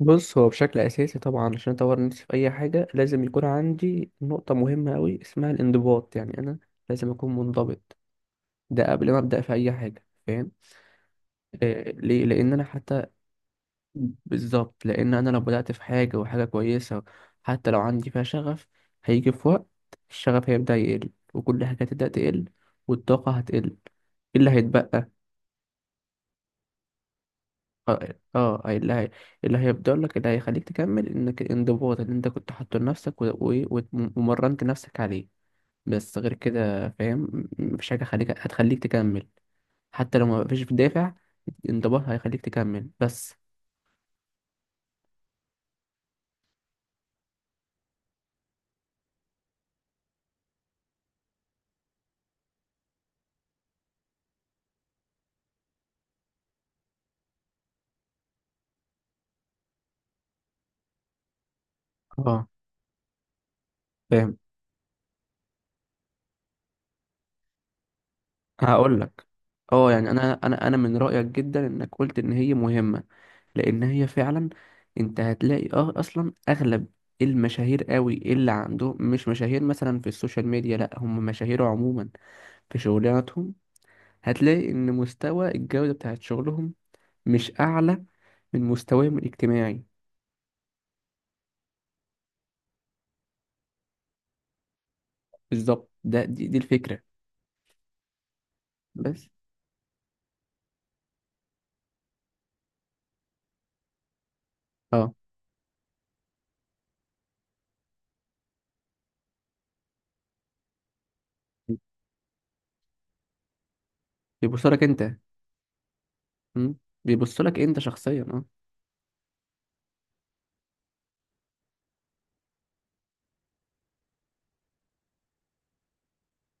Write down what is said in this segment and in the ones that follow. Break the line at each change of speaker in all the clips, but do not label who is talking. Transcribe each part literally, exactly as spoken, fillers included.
بص، هو بشكل اساسي طبعا عشان اطور نفسي في اي حاجه لازم يكون عندي نقطه مهمه قوي اسمها الانضباط. يعني انا لازم اكون منضبط. ده قبل ما ابدا في اي حاجه، فاهم؟ آه، ليه؟ لان انا حتى... بالظبط. لان انا لو بدات في حاجه وحاجه كويسه، حتى لو عندي فيها شغف، هيجي في وقت الشغف هيبدا يقل، وكل حاجه هتبدا تقل، والطاقه هتقل. إيه اللي هيتبقى؟ اه. آه، آه، اللي هي... اللي هيفضل لك، اللي هيخليك تكمل، انك الانضباط اللي انت كنت حاطه لنفسك و- و- و- ومرنت نفسك عليه. بس غير كده، فاهم؟ م- مفيش حاجة خليك هتخليك تكمل، حتى لو مفيش دافع. الانضباط هيخليك تكمل بس. اه، فاهم. هقول لك. اه، يعني انا انا انا من رأيك جدا انك قلت ان هي مهمة. لان هي فعلا... انت هتلاقي اه اصلا اغلب المشاهير قوي، اللي عندهم مش مشاهير مثلا في السوشيال ميديا، لا هم مشاهير عموما في شغلاتهم. هتلاقي إن مستوى الجودة بتاعت شغلهم مش أعلى من مستواهم الاجتماعي. بالظبط، ده دي, دي الفكرة. بس. اه بيبص لك أنت. مم. بيبص لك أنت شخصيا، اه.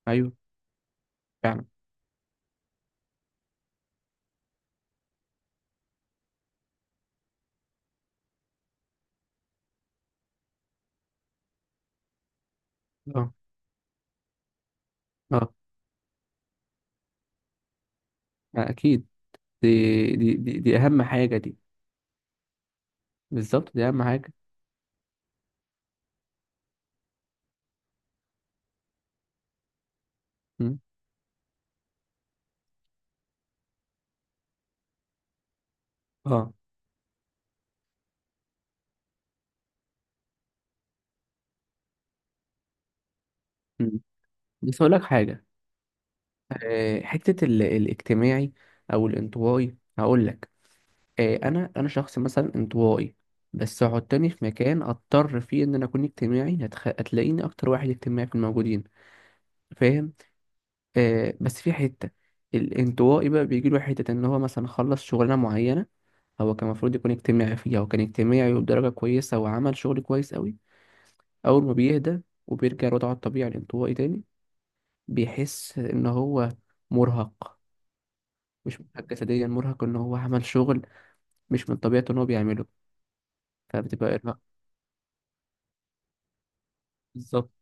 أيوه، فعلا، اه، اه، آه، أكيد. دي دي دي, دي أهم حاجة دي. بالظبط، دي أهم حاجة. مم. اه. مم. بس أقول لك حاجة. آه، حتة ال- الاجتماعي أو الانطوائي، هقول لك. آه، انا انا شخص مثلا انطوائي. بس حطني في مكان اضطر فيه ان انا اكون اجتماعي، هتخ... هتلاقيني اكتر واحد اجتماعي في الموجودين، فاهم؟ آه. بس في حته الانطوائي بقى بيجي له حته ان هو مثلا خلص شغلانه معينه، هو كان المفروض يكون اجتماعي فيها، وكان اجتماعي وبدرجه كويسه، وعمل شغل كويس قوي. اول ما بيهدى وبيرجع لوضعه الطبيعي الانطوائي تاني، بيحس ان هو مرهق. مش مرهق جسديا، مرهق ان هو عمل شغل مش من طبيعته ان هو بيعمله. فبتبقى ارهاق. بالظبط،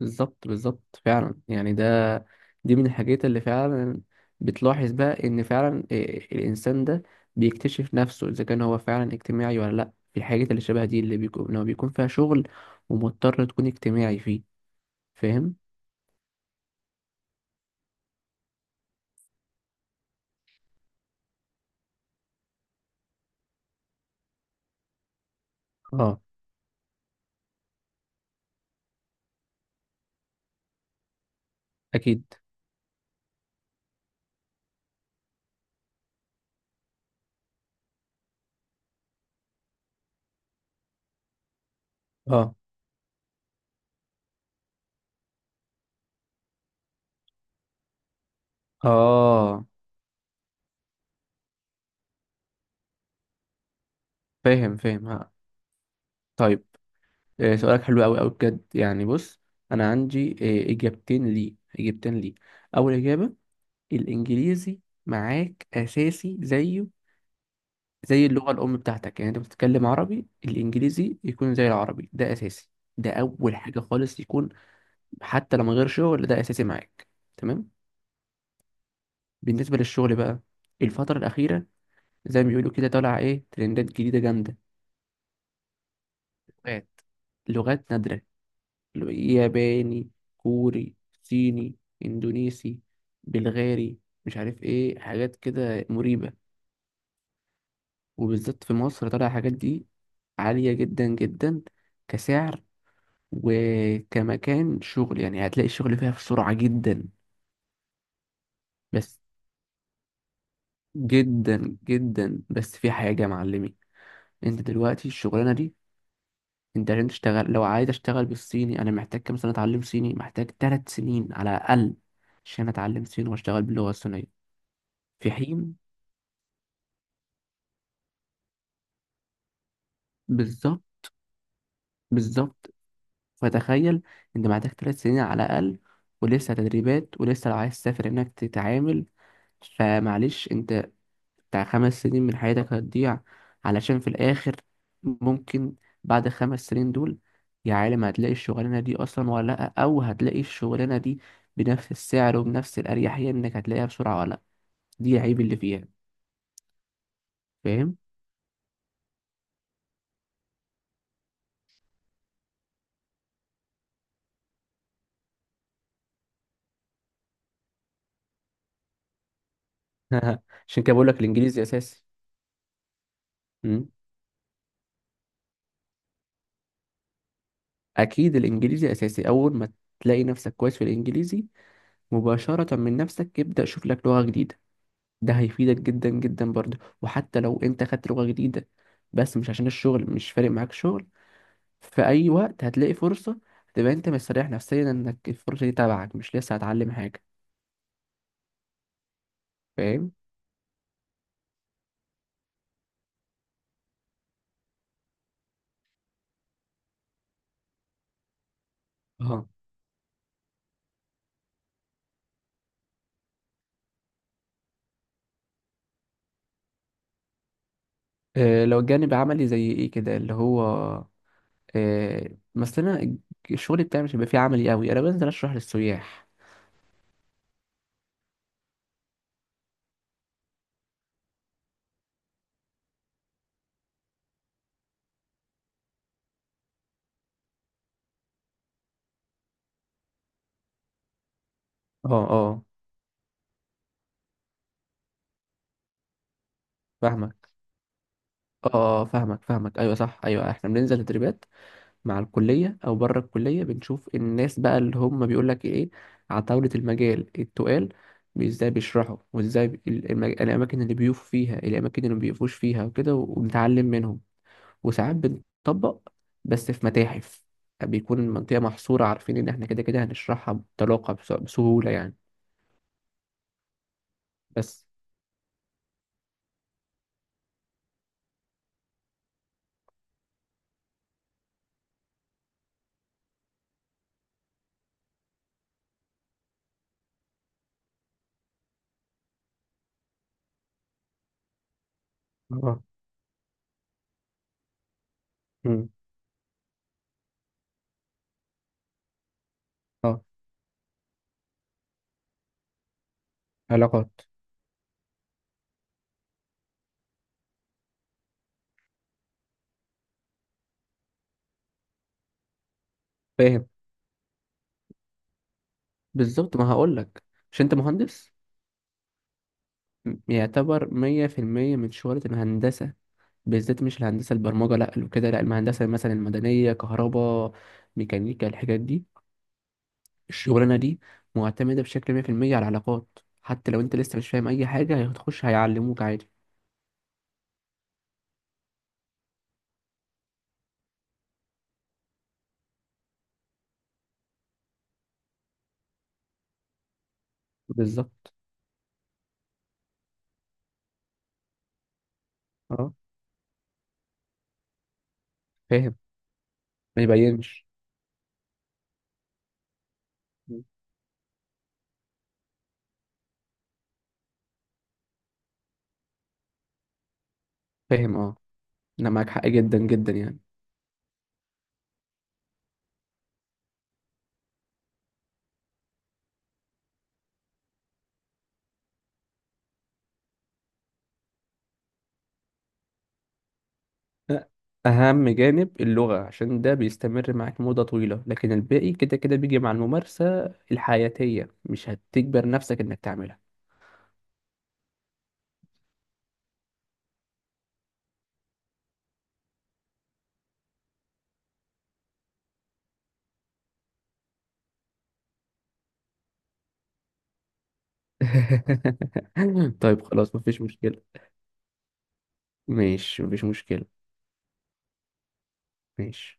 بالظبط بالظبط فعلا يعني. ده دي من الحاجات اللي فعلا بتلاحظ بقى ان فعلا إيه الانسان ده بيكتشف نفسه اذا كان هو فعلا اجتماعي ولا لا، في الحاجات اللي شبه دي، اللي بيكون، لو بيكون فيها شغل ومضطر تكون اجتماعي فيه، فاهم؟ اه. اكيد. اه، اه، فاهم، فاهم. ها، طيب، إيه سؤالك حلو قوي قوي بجد يعني. بص، انا عندي إيه اجابتين ليه، اجابتين ليه. اول اجابة، الانجليزي معاك اساسي زيه، زي اللغة الأم بتاعتك. يعني أنت بتتكلم عربي، الإنجليزي يكون زي العربي، ده أساسي. ده أول حاجة خالص، يكون حتى لو من غير شغل ده أساسي معاك. تمام. بالنسبة للشغل بقى، الفترة الأخيرة زي ما بيقولوا كده، طالع إيه ترندات جديدة جامدة. لغات، لغات نادرة. لو- ياباني، كوري، صيني، إندونيسي، بلغاري، مش عارف إيه حاجات كده مريبة. وبالذات في مصر طالع حاجات دي عالية جدا جدا كسعر، وكمكان شغل. يعني هتلاقي الشغل فيها بسرعة جدا بس، جدا جدا. بس في حاجة يا معلمي. انت دلوقتي الشغلانة دي، انت عشان تشتغل، لو عايز اشتغل بالصيني، انا محتاج كام سنة اتعلم صيني؟ محتاج ثلاث سنين على الاقل عشان اتعلم صيني واشتغل باللغة الصينية. في حين... بالظبط، بالظبط. فتخيل، انت محتاج ثلاث سنين على الاقل، ولسه تدريبات، ولسه لو عايز تسافر انك تتعامل. فمعلش، انت بتاع خمس سنين من حياتك هتضيع، علشان في الآخر ممكن بعد خمس سنين دول يا عالم هتلاقي الشغلانة دي أصلا ولا لأ، أو هتلاقي الشغلانة دي بنفس السعر وبنفس الأريحية، إنك هتلاقيها بسرعة ولا لأ. دي العيب اللي فيها، فاهم؟ عشان كده بقول لك الإنجليزي أساسي. مم. أكيد الإنجليزي أساسي. أول ما تلاقي نفسك كويس في الإنجليزي، مباشرة من نفسك ابدأ شوف لك لغة جديدة. ده هيفيدك جدا جدا برضه. وحتى لو أنت خدت لغة جديدة، بس مش عشان الشغل، مش فارق معاك شغل، في اي وقت هتلاقي فرصه، تبقى انت مستريح نفسيا انك الفرصه دي تبعك، مش لسه هتعلم حاجه. فاهم؟ اه. آه، لو الجانب عملي زي ايه كده، اللي هو... آه، مثلا الج- الشغل بتاعي مش هيبقى فيه عملي قوي، انا بنزل اشرح للسياح. اه، اه، فاهمك، اه. آه، فاهمك، فاهمك. ايوه، صح. ايوه، احنا بننزل تدريبات مع الكلية أو بره الكلية، بنشوف الناس بقى اللي هم بيقول لك إيه عتاولة المجال التقال، بي- إزاي بيشرحوا، وإزاي بي- المج... الأماكن اللي بيقفوا فيها، الأماكن اللي مبيقفوش فيها وكده، وبنتعلم منهم. وساعات بنطبق، بس في متاحف بيكون المنطقة محصورة، عارفين إن إحنا كده كده هنشرحها بطلاقة، بس- بسهولة يعني. بس. اه. مم. اه. علاقات. فاهم؟ بالظبط، ما هقولك، مش أنت مهندس؟ يعتبر مية في المية من شغلة الهندسة. بالذات مش الهندسة البرمجة لأ، لو كده لأ، الهندسة مثلا المدنية، كهرباء، ميكانيكا، الحاجات دي. الشغلانة دي معتمدة بشكل مية في المية على العلاقات. حتى لو أنت لسه مش فاهم أي حاجة هتخش هيعلموك عادي. بالظبط. اه، فاهم. ما يبينش. فاهم. اه، أنا معاك حق جدا جدا يعني. أهم جانب اللغة، عشان ده بيستمر معاك مدة طويلة، لكن الباقي كده كده بيجي مع الممارسة الحياتية، مش هتجبر نفسك إنك تعملها. طيب خلاص، مفيش مشكلة. ماشي، مفيش مشكلة. ماشي.